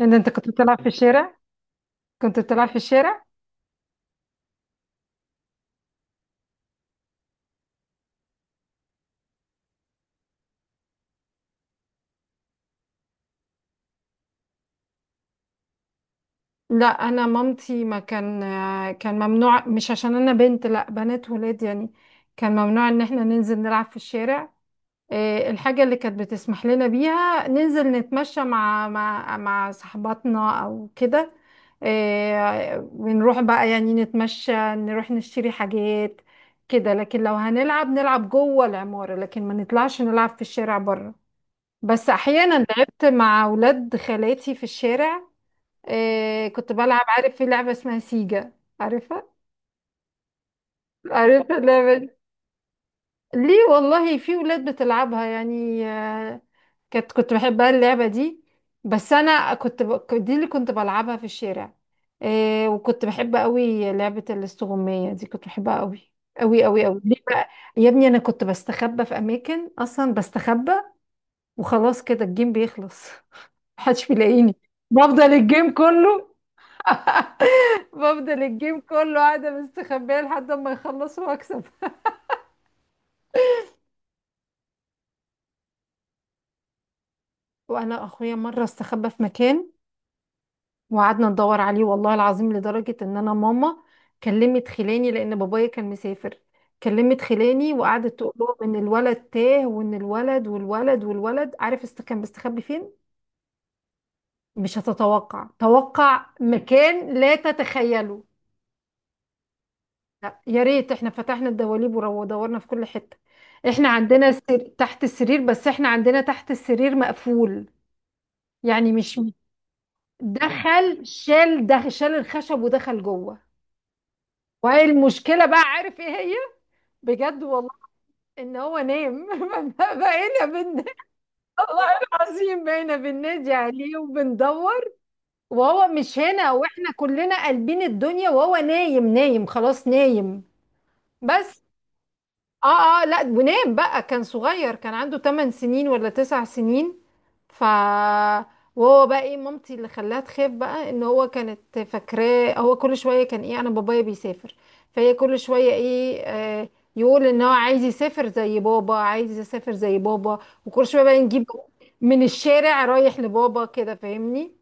إن أنت كنت بتلعب في الشارع. كنت بتلعب في الشارع. لا أنا مامتي ما كان، كان ممنوع، مش عشان أنا بنت، لا بنات ولاد يعني. كان ممنوع إن إحنا ننزل نلعب في الشارع. إيه، الحاجة اللي كانت بتسمح لنا بيها ننزل نتمشى مع صحباتنا أو كده. إيه، ونروح بقى يعني نتمشى نروح نشتري حاجات كده، لكن لو هنلعب نلعب جوه العمارة، لكن ما نطلعش نلعب في الشارع بره. بس احيانا لعبت مع اولاد خالاتي في الشارع. آه كنت بلعب، عارف في لعبه اسمها سيجا؟ عارفها؟ عارفه اللعبه دي؟ ليه والله، في اولاد بتلعبها يعني آه. كنت بحبها اللعبه دي. بس انا دي اللي كنت بلعبها في الشارع. آه وكنت بحب قوي لعبه الاستغمايه دي، كنت بحبها قوي قوي قوي قوي. ليه بقى؟ يا ابني انا كنت بستخبى في اماكن اصلا بستخبى، وخلاص كده الجيم بيخلص، محدش بيلاقيني. بفضل الجيم كله بفضل الجيم كله قاعدة مستخبية لحد ما يخلصوا واكسب. وانا اخويا مرة استخبى في مكان، وقعدنا ندور عليه والله العظيم، لدرجة ان انا ماما كلمت خلاني لان بابايا كان مسافر. كلمت خلاني وقعدت تقول لهم ان الولد تاه، وان الولد والولد والولد، عارف است كان مستخبي فين؟ مش هتتوقع، توقع مكان لا تتخيله. لا يا ريت، احنا فتحنا الدواليب ودورنا في كل حتة. احنا عندنا تحت السرير، بس احنا عندنا تحت السرير مقفول يعني، مش دخل شال الخشب ودخل جوه. وايه المشكلة بقى، عارف ايه هي؟ بجد والله. ان هو نام. بقينا بن والله العظيم بقينا بننادي عليه وبندور وهو مش هنا، واحنا كلنا قلبين الدنيا وهو نايم، نايم خلاص نايم. بس اه لا، ونام بقى، كان صغير، كان عنده 8 سنين ولا 9 سنين. ف وهو بقى ايه مامتي اللي خلاها تخاف، بقى ان هو كانت فاكراه هو كل شويه كان ايه، انا بابايا بيسافر، فهي كل شويه ايه آه، يقول ان هو عايز يسافر زي بابا، عايز يسافر زي بابا. وكل شويه بقى نجيب من الشارع رايح لبابا كده، فاهمني؟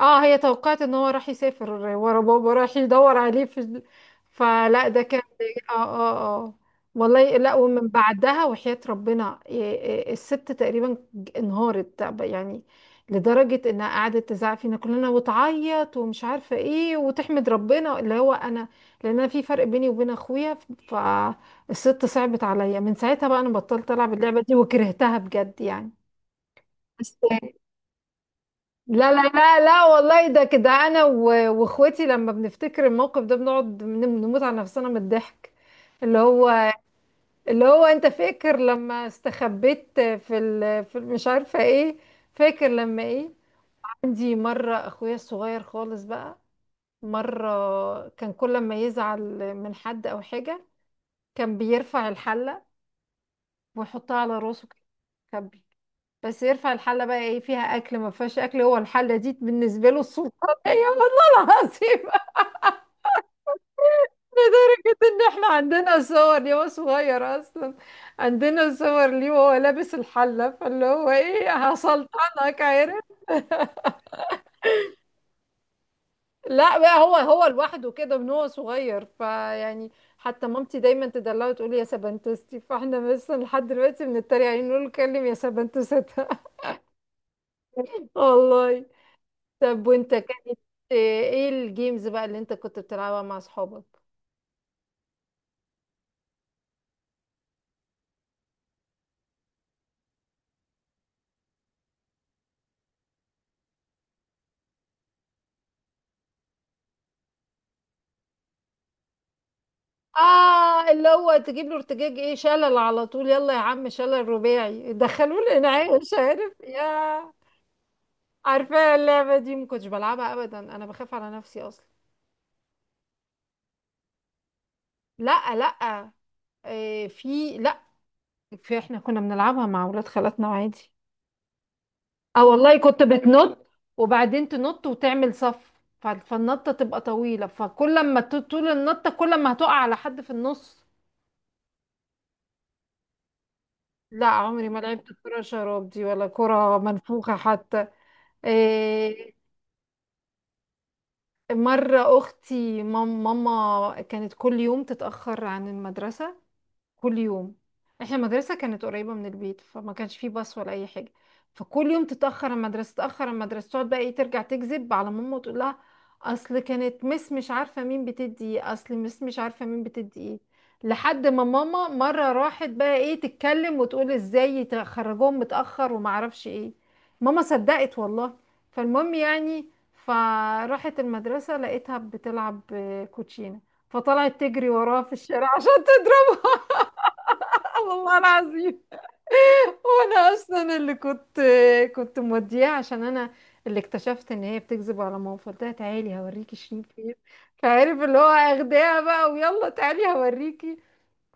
اه هي توقعت ان هو راح يسافر ورا بابا، راح يدور عليه في فلا ده كان. اه والله لا، ومن بعدها وحياة ربنا الست تقريبا انهارت يعني، لدرجة انها قعدت تزعق فينا كلنا وتعيط ومش عارفة ايه، وتحمد ربنا اللي هو انا، لان انا في فرق بيني وبين اخويا. فالست صعبت عليا، من ساعتها بقى انا بطلت العب اللعبة دي وكرهتها بجد يعني. بس لا والله، ده كده انا واخواتي لما بنفتكر الموقف ده بنقعد بنموت على نفسنا من الضحك. اللي هو اللي هو انت فاكر لما استخبيت في مش عارفه ايه؟ فاكر لما ايه؟ عندي مره اخويا الصغير خالص بقى، مره كان كل ما يزعل من حد او حاجه كان بيرفع الحله ويحطها على راسه كده. بس يرفع الحله بقى ايه، فيها اكل ما فيهاش اكل، هو الحله دي بالنسبه له السلطانيه. والله العظيم، لدرجه ان احنا عندنا صور ليه هو صغير اصلا، عندنا صور ليه وهو لابس الحله. فاللي هو ايه، هسلطنك عارف. لا بقى، هو لوحده كده من هو صغير فيعني. حتى مامتي دايما تدلعه وتقول يا سبنتستي، فاحنا مثلا لحد دلوقتي بنتريق عليه نقول له كلم يا سبنتستها. والله. طب وانت كانت ايه الجيمز بقى اللي انت كنت بتلعبها مع اصحابك؟ اه اللي هو تجيب له ارتجاج، ايه شلل على طول، يلا يا عم شلل رباعي دخلوه الانعاء مش عارف يا. عارفه اللعبه دي، ما كنتش بلعبها ابدا، انا بخاف على نفسي اصلا. لا إيه، في لا في، احنا كنا بنلعبها مع اولاد خالاتنا عادي. اه والله كنت بتنط، وبعدين تنط وتعمل صف. فالنطه تبقى طويله، فكل ما طول النطه، كل ما هتقع على حد في النص. لا عمري ما لعبت كرة شراب دي، ولا كرة منفوخة حتى. إيه. مرة أختي ماما كانت كل يوم تتأخر عن المدرسة، كل يوم. احنا المدرسة كانت قريبة من البيت، فما كانش فيه باص ولا أي حاجة. فكل يوم تتأخر المدرسة، تتأخر المدرسة، تقعد بقى ايه، ترجع تكذب على ماما وتقول لها أصل كانت مش عارفة مين بتدي ايه، أصل مش عارفة مين بتدي ايه. لحد ما ماما مرة راحت بقى ايه تتكلم وتقول ازاي تخرجوهم متأخر وما اعرفش ايه. ماما صدقت والله. فالمهم يعني، فراحت المدرسة لقيتها بتلعب كوتشينة. فطلعت تجري وراه في الشارع عشان تضربه. الله العظيم. وانا اصلا اللي كنت، كنت مودياه عشان انا اللي اكتشفت ان هي بتكذب على ماما، فقلت لها تعالي هوريكي شيرين فين. فعرف اللي هو اخداها بقى ويلا تعالي هوريكي.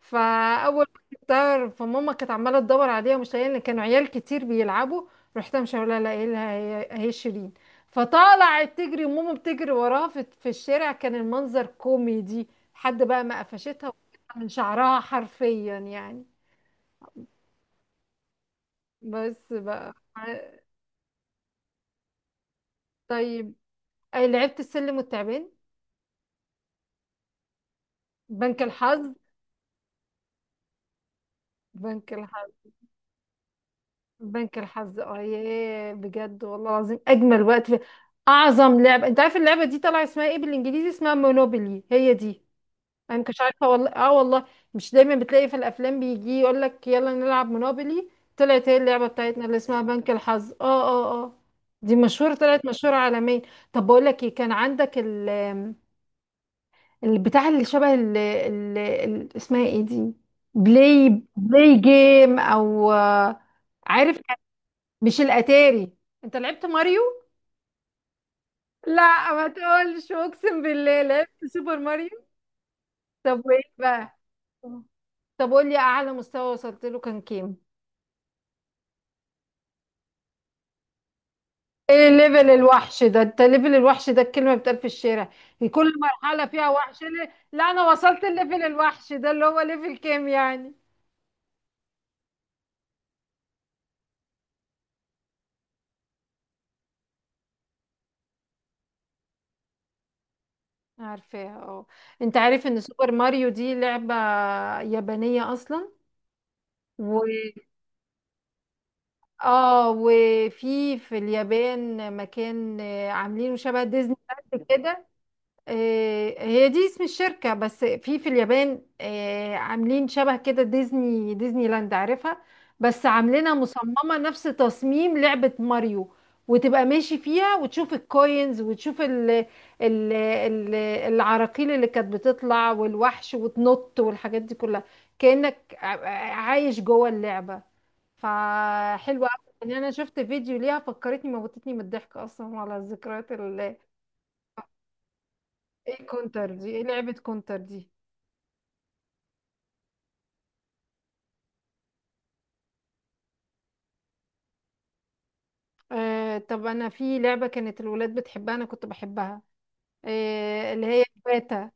فاول ما جبتها، فماما كانت عماله تدور عليها مش لاقيه، ان كانوا عيال كتير بيلعبوا، رحت مش لها لاقيه لها هي شيرين. فطلعت تجري، وماما بتجري وراها في في الشارع، كان المنظر كوميدي. حد بقى ما قفشتها من شعرها حرفيا يعني. بس بقى. طيب، أي لعبت السلم والتعبان؟ بنك الحظ، بنك الحظ، بنك الحظ. اه ياه بجد والله العظيم، اجمل وقت في اعظم لعبه. انت عارف اللعبه دي طالعه اسمها ايه بالانجليزي؟ اسمها مونوبولي هي دي. انا ما كنتش عارفه والله، اه والله. مش دايما بتلاقي في الافلام بيجي يقول لك يلا نلعب مونوبولي؟ طلعت هي اللعبه بتاعتنا اللي اسمها بنك الحظ. اه. دي مشهوره، طلعت مشهوره عالميا. طب بقول لك ايه، كان عندك ال، البتاع اللي شبه ال اسمها ايه دي، بلاي بلاي جيم او عارف مش الاتاري. انت لعبت ماريو؟ لا ما تقولش، اقسم بالله لعبت سوبر ماريو. طب وايه بقى، طب قول لي اعلى مستوى وصلت له كان كام؟ ايه ليفل الوحش ده، انت ليفل الوحش ده الكلمه بتقال في الشارع؟ كل مرحله فيها وحش. لا انا وصلت الليفل الوحش ده اللي هو ليفل كام يعني؟ عارفاها اه. انت عارف ان سوبر ماريو دي لعبة يابانية اصلا؟ و اه وفي في اليابان مكان عاملينه شبه ديزني لاند كده. هي دي اسم الشركة، بس في في اليابان عاملين شبه كده ديزني، ديزني لاند عارفها؟ بس عاملينها مصممة نفس تصميم لعبة ماريو. وتبقى ماشي فيها وتشوف الكوينز وتشوف ال العراقيل اللي كانت بتطلع والوحش وتنط والحاجات دي كلها. كأنك عايش جوه اللعبة. فحلوة أوي. يعني أنا شفت فيديو ليها فكرتني، موتتني من الضحك أصلا على ذكريات. ايه كونتر دي، ايه لعبة كونتر دي؟ آه طب انا في لعبة كانت الولاد بتحبها انا كنت بحبها، آه اللي هي باتا.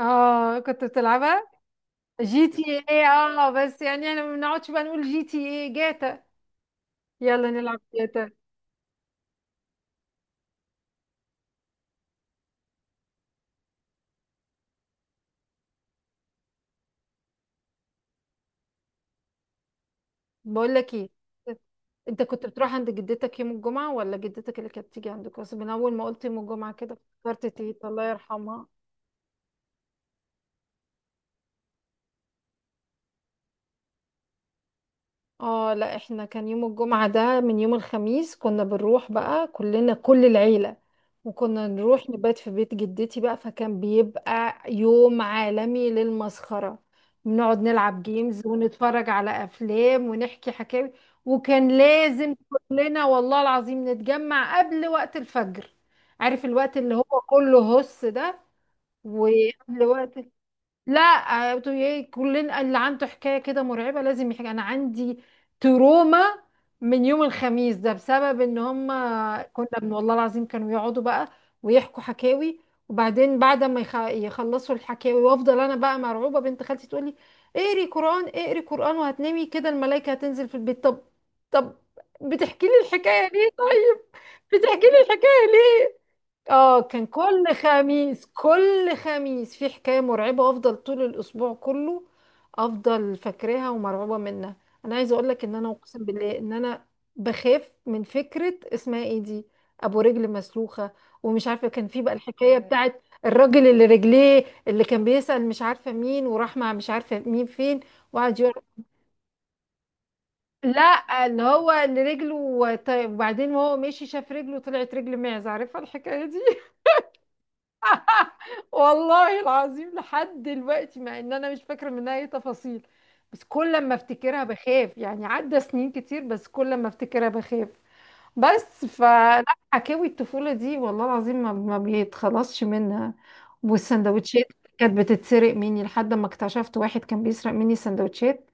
اه كنت بتلعبها جي تي ايه. اه بس يعني انا ما بنقعدش بقى نقول جي تي ايه، جاتا، يلا نلعب جاتا. بقول لك ايه، انت كنت بتروح عند جدتك يوم الجمعة ولا جدتك اللي كانت تيجي عندك؟ بس من اول ما قلت يوم الجمعة كده افتكرت تيتا، الله يرحمها. اه لا، احنا كان يوم الجمعة ده من يوم الخميس كنا بنروح بقى كلنا، كل العيلة، وكنا نروح نبات في بيت جدتي بقى، فكان بيبقى يوم عالمي للمسخرة. بنقعد نلعب جيمز ونتفرج على أفلام ونحكي حكاوي. وكان لازم كلنا والله العظيم نتجمع قبل وقت الفجر. عارف الوقت اللي هو كله هس ده؟ وقبل وقت، لا بتقول ايه، كلنا اللي عنده حكايه كده مرعبه لازم يحكي. انا عندي تروما من يوم الخميس ده بسبب ان هم، كنا من والله العظيم كانوا يقعدوا بقى ويحكوا حكاوي. وبعدين بعد ما يخلصوا الحكاوي وافضل انا بقى مرعوبه، بنت خالتي تقول لي اقري قران، اقري قران وهتنامي كده الملائكه هتنزل في البيت. طب، طب بتحكي لي الحكايه ليه طيب؟ بتحكي لي الحكايه ليه؟ اه كان كل خميس، كل خميس في حكاية مرعبة، افضل طول الاسبوع كله افضل فاكراها ومرعوبة منها. انا عايزة اقول لك ان انا اقسم بالله ان انا بخاف من فكرة اسمها ايه دي، ابو رجل مسلوخة. ومش عارفة كان في بقى الحكاية بتاعت الراجل اللي رجليه، اللي كان بيسأل مش عارفة مين، وراح مع مش عارفة مين فين، وقعد يقول، لا اللي هو اللي رجله طيب، وبعدين وهو ماشي شاف رجله طلعت رجل معز، عارفة الحكاية دي؟ والله العظيم لحد دلوقتي مع ان انا مش فاكره منها اي تفاصيل، بس كل ما افتكرها بخاف يعني، عدى سنين كتير بس كل ما افتكرها بخاف. بس فلا، حكاوي الطفوله دي والله العظيم ما بيتخلصش منها. والسندوتشات كانت بتتسرق مني لحد ما اكتشفت واحد كان بيسرق مني سندوتشات،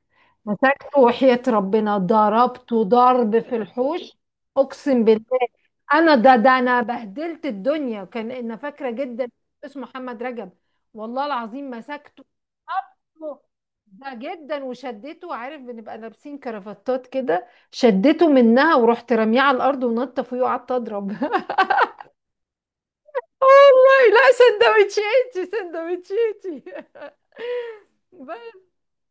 مسكته وحياة ربنا ضربته ضرب في الحوش، اقسم بالله. انا ده انا بهدلت الدنيا، كان انا فاكره جدا، اسمه محمد رجب. والله العظيم مسكته خبطه ده جدا وشدته، عارف بنبقى لابسين كرافتات كده، شدته منها ورحت رميه على الارض ونطه فيه وقعدت اضرب. والله لا، سندوتشاتي سندوتشاتي. بس.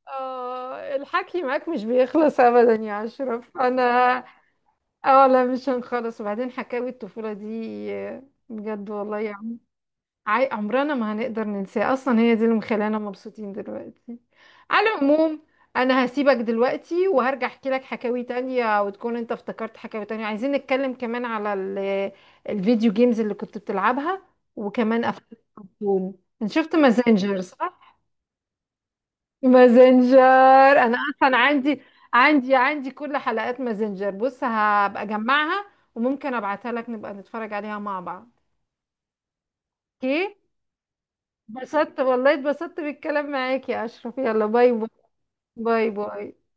آه الحكي معاك مش بيخلص ابدا يا اشرف، انا اه لا، مش هنخلص. وبعدين حكاوي الطفوله دي بجد والله. عمرنا ما هنقدر ننساه اصلا، هي دي اللي مخلانا مبسوطين دلوقتي. على العموم، انا هسيبك دلوقتي وهرجع احكي لك حكاوي تانية وتكون انت افتكرت حكاوي تانية، عايزين نتكلم كمان على الفيديو جيمز اللي كنت بتلعبها، وكمان افلام الكرتون. انت شفت مازنجر صح؟ مازنجر. انا اصلا عندي عندي كل حلقات مازنجر، بص هبقى اجمعها وممكن ابعتها لك نبقى نتفرج عليها مع بعض. اوكي. اتبسطت والله، اتبسطت بالكلام معاك يا أشرف، يلا باي باي. باي باي.